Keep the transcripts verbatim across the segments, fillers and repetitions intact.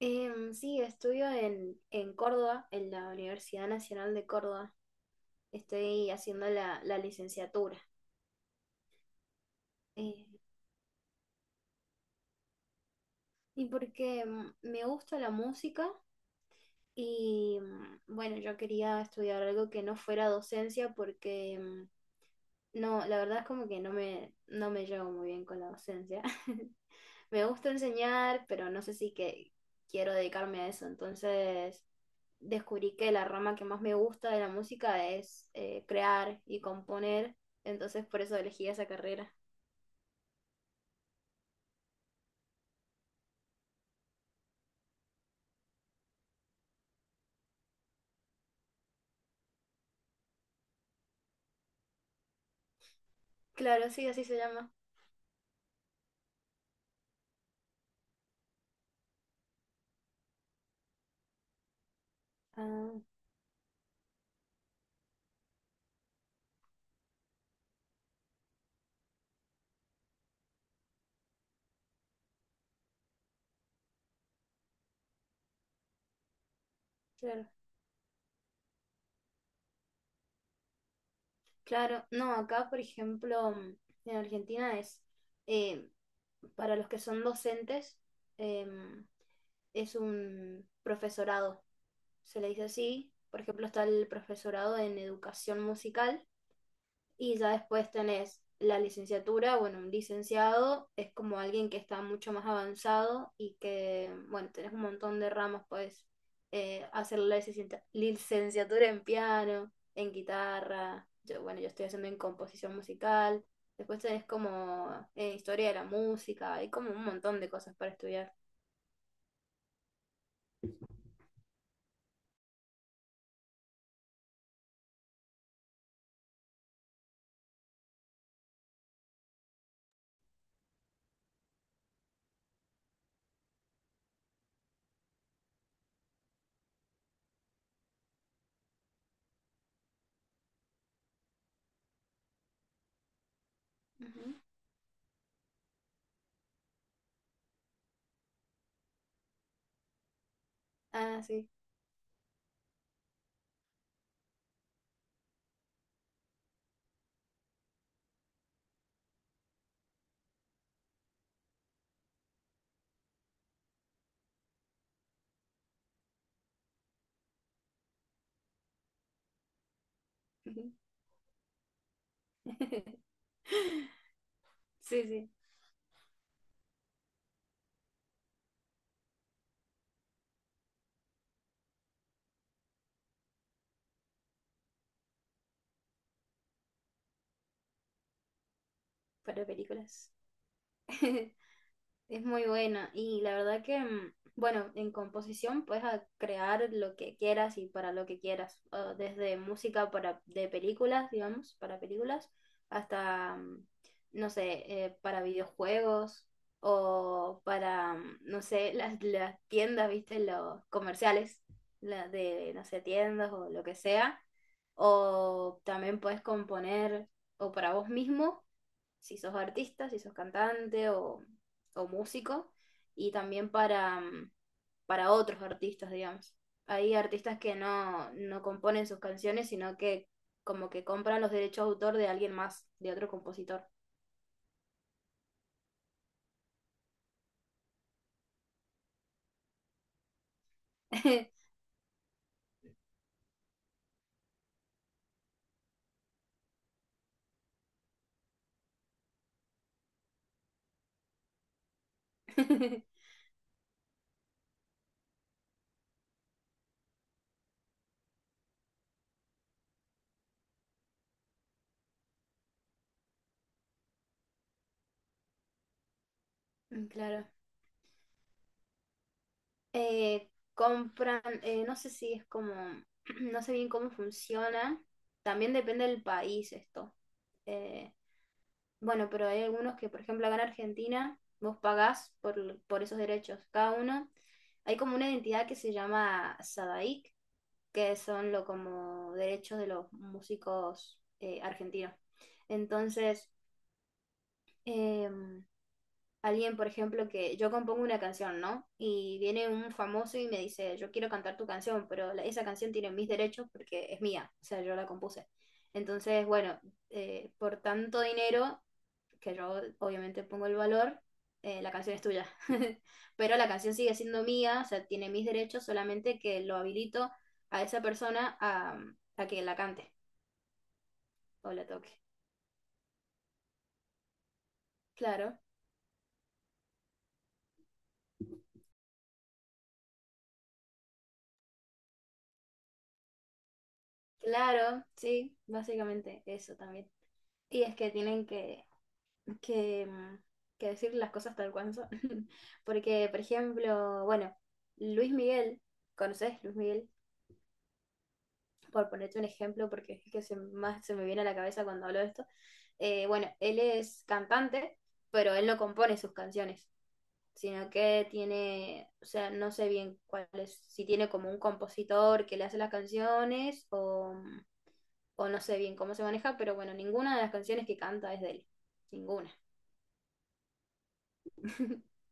Em, sí, estudio en, en Córdoba, en la Universidad Nacional de Córdoba. Estoy haciendo la, la licenciatura. Eh, y porque mm, me gusta la música y mm, bueno, yo quería estudiar algo que no fuera docencia porque mm, no, la verdad es como que no me, no me llevo muy bien con la docencia. Me gusta enseñar, pero no sé si que quiero dedicarme a eso. Entonces descubrí que la rama que más me gusta de la música es eh, crear y componer. Entonces por eso elegí esa carrera. Claro, sí, así se llama. Ah, claro. Claro, no, acá por ejemplo mm, en Argentina es eh, para los que son docentes, em, es un profesorado, se le dice así. Por ejemplo, está el profesorado en educación musical. Y ya después tenés la licenciatura, bueno, un licenciado es como alguien que está mucho más avanzado y que, bueno, tenés un montón de ramas, puedes eh, hacer la licencia- licenciatura en piano, en guitarra, yo, bueno, yo estoy haciendo en composición musical, después tenés como eh, historia de la música, hay como un montón de cosas para estudiar. Ujú. Ah, sí. Sí, sí, para películas. Es muy buena y la verdad que, mm, bueno, en composición puedes a- crear lo que quieras y para lo que quieras, o desde música para, de películas, digamos, para películas, hasta, mm, no sé, eh, para videojuegos o para, mm, no sé, las, las tiendas, viste, los comerciales, la de, no sé, tiendas o lo que sea, o también puedes componer o para vos mismo si sos artista, si sos cantante o o músico y también para, mm, para otros artistas, digamos. Hay artistas que no, no componen sus canciones, sino que como que compran los derechos de autor de alguien más, de otro compositor. Claro. Eh, compran, eh, no sé si es como, no sé bien cómo funciona. También depende del país esto. Eh, Bueno, pero hay algunos que, por ejemplo, acá en Argentina, vos pagás por, por esos derechos, cada uno. Hay como una identidad que se llama SADAIC, que son lo como derechos de los músicos eh, argentinos. Entonces, em, alguien, por ejemplo, que yo compongo una canción, ¿no? Y viene un famoso y me dice, yo quiero cantar tu canción, pero la- esa canción tiene mis derechos porque es mía, o sea, yo la compuse. Entonces, bueno, eh, por tanto dinero que yo obviamente pongo el valor, eh, la canción es tuya. Pero la canción sigue siendo mía, o sea, tiene mis derechos, solamente que lo habilito a esa persona a, a que la cante o la toque. Claro, claro, sí, básicamente eso también. Y es que tienen que, que, mm, que decir las cosas tal cual son. Porque, por ejemplo, bueno, Luis Miguel, ¿conoces Luis Miguel? Por ponerte un ejemplo, porque es el que se, más se me viene a la cabeza cuando hablo de esto, eh, bueno, él es cantante, pero él no compone sus canciones, sino que tiene, o sea, no sé bien cuál es, si tiene como un compositor que le hace las canciones o, o no sé bien cómo se maneja, pero bueno, ninguna de las canciones que canta es de él, ninguna.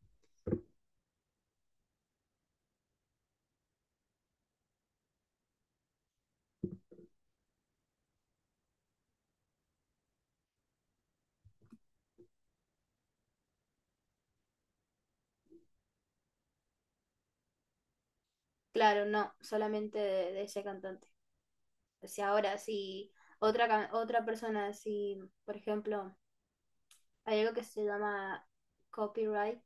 Claro, no, solamente de, de, ese cantante. O sea, ahora si otra, can- otra persona, si por ejemplo, hay algo que se llama copyright,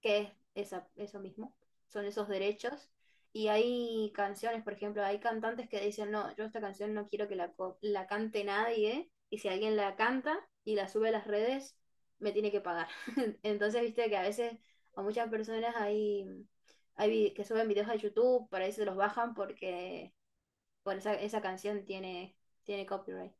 que es esa- eso mismo, son esos derechos. Y hay canciones, por ejemplo, hay cantantes que dicen, no, yo esta canción no quiero que la, co- la cante nadie, y si alguien la canta y la sube a las redes, me tiene que pagar. Entonces, viste que a veces a muchas personas hay, hay vi- que suben videos a YouTube, por ahí se los bajan porque, bueno, esa, esa canción tiene, tiene copyright.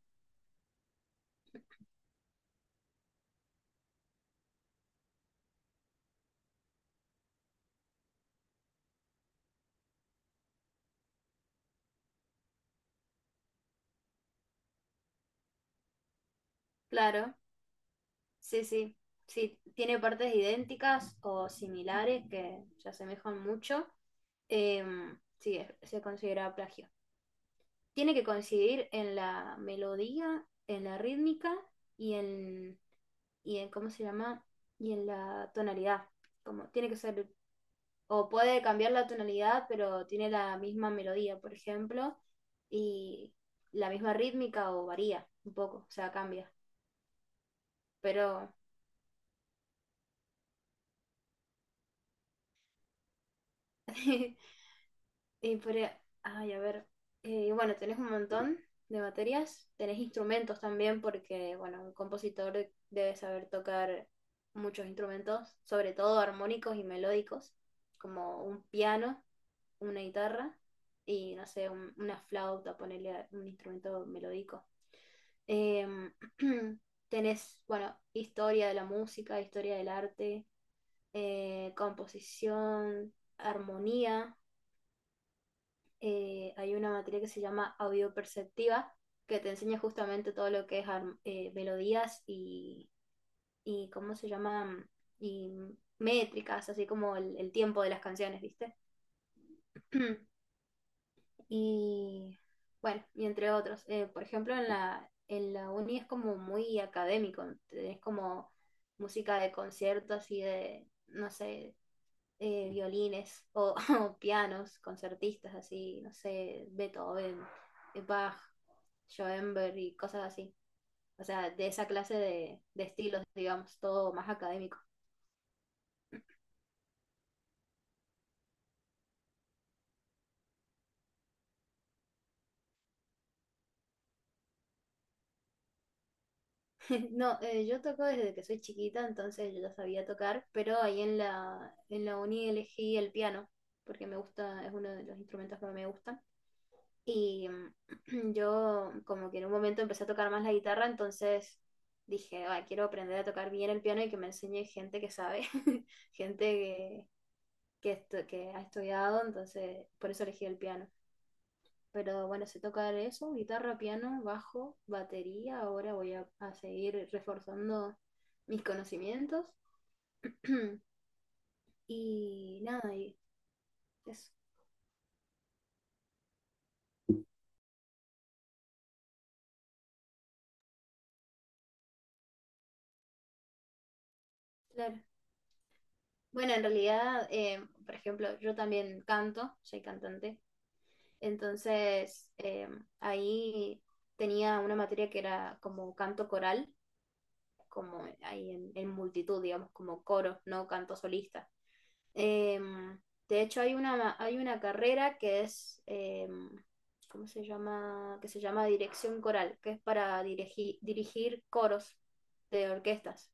Claro, sí, sí. Sí, tiene partes idénticas o similares que se asemejan mucho. Em, sí, es- se considera plagio. Tiene que coincidir en la melodía, en la rítmica y en, y en, ¿cómo se llama? Y en la tonalidad. Como tiene que ser, o puede cambiar la tonalidad, pero tiene la misma melodía, por ejemplo, y la misma rítmica o varía un poco, o sea, cambia. Pero y por, ay, a ver, eh, bueno, tenés un montón de materias, tenés instrumentos también, porque, bueno, un compositor debe saber tocar muchos instrumentos, sobre todo armónicos y melódicos, como un piano, una guitarra y, no sé, un- una flauta, ponerle un instrumento melódico. Em, tenés, bueno, historia de la música, historia del arte, eh, composición, armonía, eh, hay una materia que se llama audioperceptiva, que te enseña justamente todo lo que es arm- eh, melodías y, y, ¿cómo se llama? Y métricas, así como el, el tiempo de las canciones, ¿viste? Y bueno, y entre otros. Eh, por ejemplo, en la, en la uni es como muy académico, es como música de conciertos y de, no sé, eh, violines o, o pianos, concertistas así, no sé, Beethoven, eh, Bach, Schoenberg y cosas así. O sea, de esa clase de, de estilos, digamos, todo más académico. No, eh, yo toco desde que soy chiquita, entonces yo ya sabía tocar, pero ahí en la, en la uni elegí el piano, porque me gusta, es uno de los instrumentos que me gusta. Y yo como que en un momento empecé a tocar más la guitarra, entonces dije, "Ay, quiero aprender a tocar bien el piano y que me enseñe gente que sabe, gente que, que, estu- que ha estudiado, entonces por eso elegí el piano. Pero bueno, sé tocar eso, guitarra, piano, bajo, batería, ahora voy a, a seguir reforzando mis conocimientos. Y nada, y eso, claro. Bueno, en realidad, eh, por ejemplo, yo también canto, soy cantante. Entonces, eh, ahí tenía una materia que era como canto coral, como ahí en, en multitud, digamos, como coro, no canto solista. Eh, de hecho, hay una, hay una carrera que es, eh, ¿cómo se llama? Que se llama dirección coral, que es para dirigir, dirigir coros de orquestas.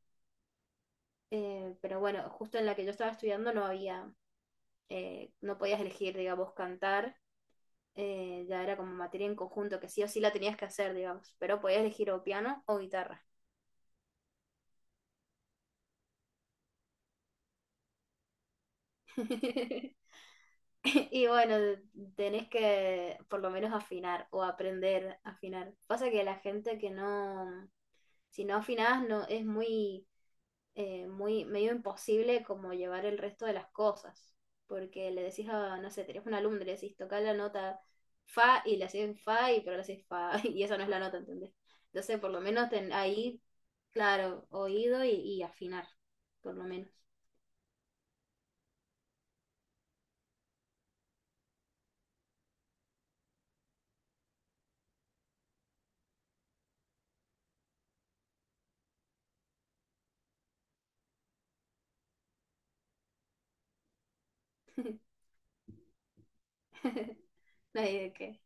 Eh, pero bueno, justo en la que yo estaba estudiando no había, eh, no podías elegir, digamos, cantar, eh, ya era como materia en conjunto, que sí o sí la tenías que hacer, digamos, pero podías elegir o piano o guitarra. Y bueno, tenés que por lo menos afinar o aprender a afinar. Pasa que la gente que no, si no afinás, no, es muy eh, muy medio imposible como llevar el resto de las cosas, porque le decís a, no sé, tenés un alumno, le decís tocar la nota fa y le haces fa y pero le haces fa y esa no es la nota, ¿entendés? Entonces, por lo menos ten- ahí, claro, oído y, y afinar, por lo menos. No hay de qué.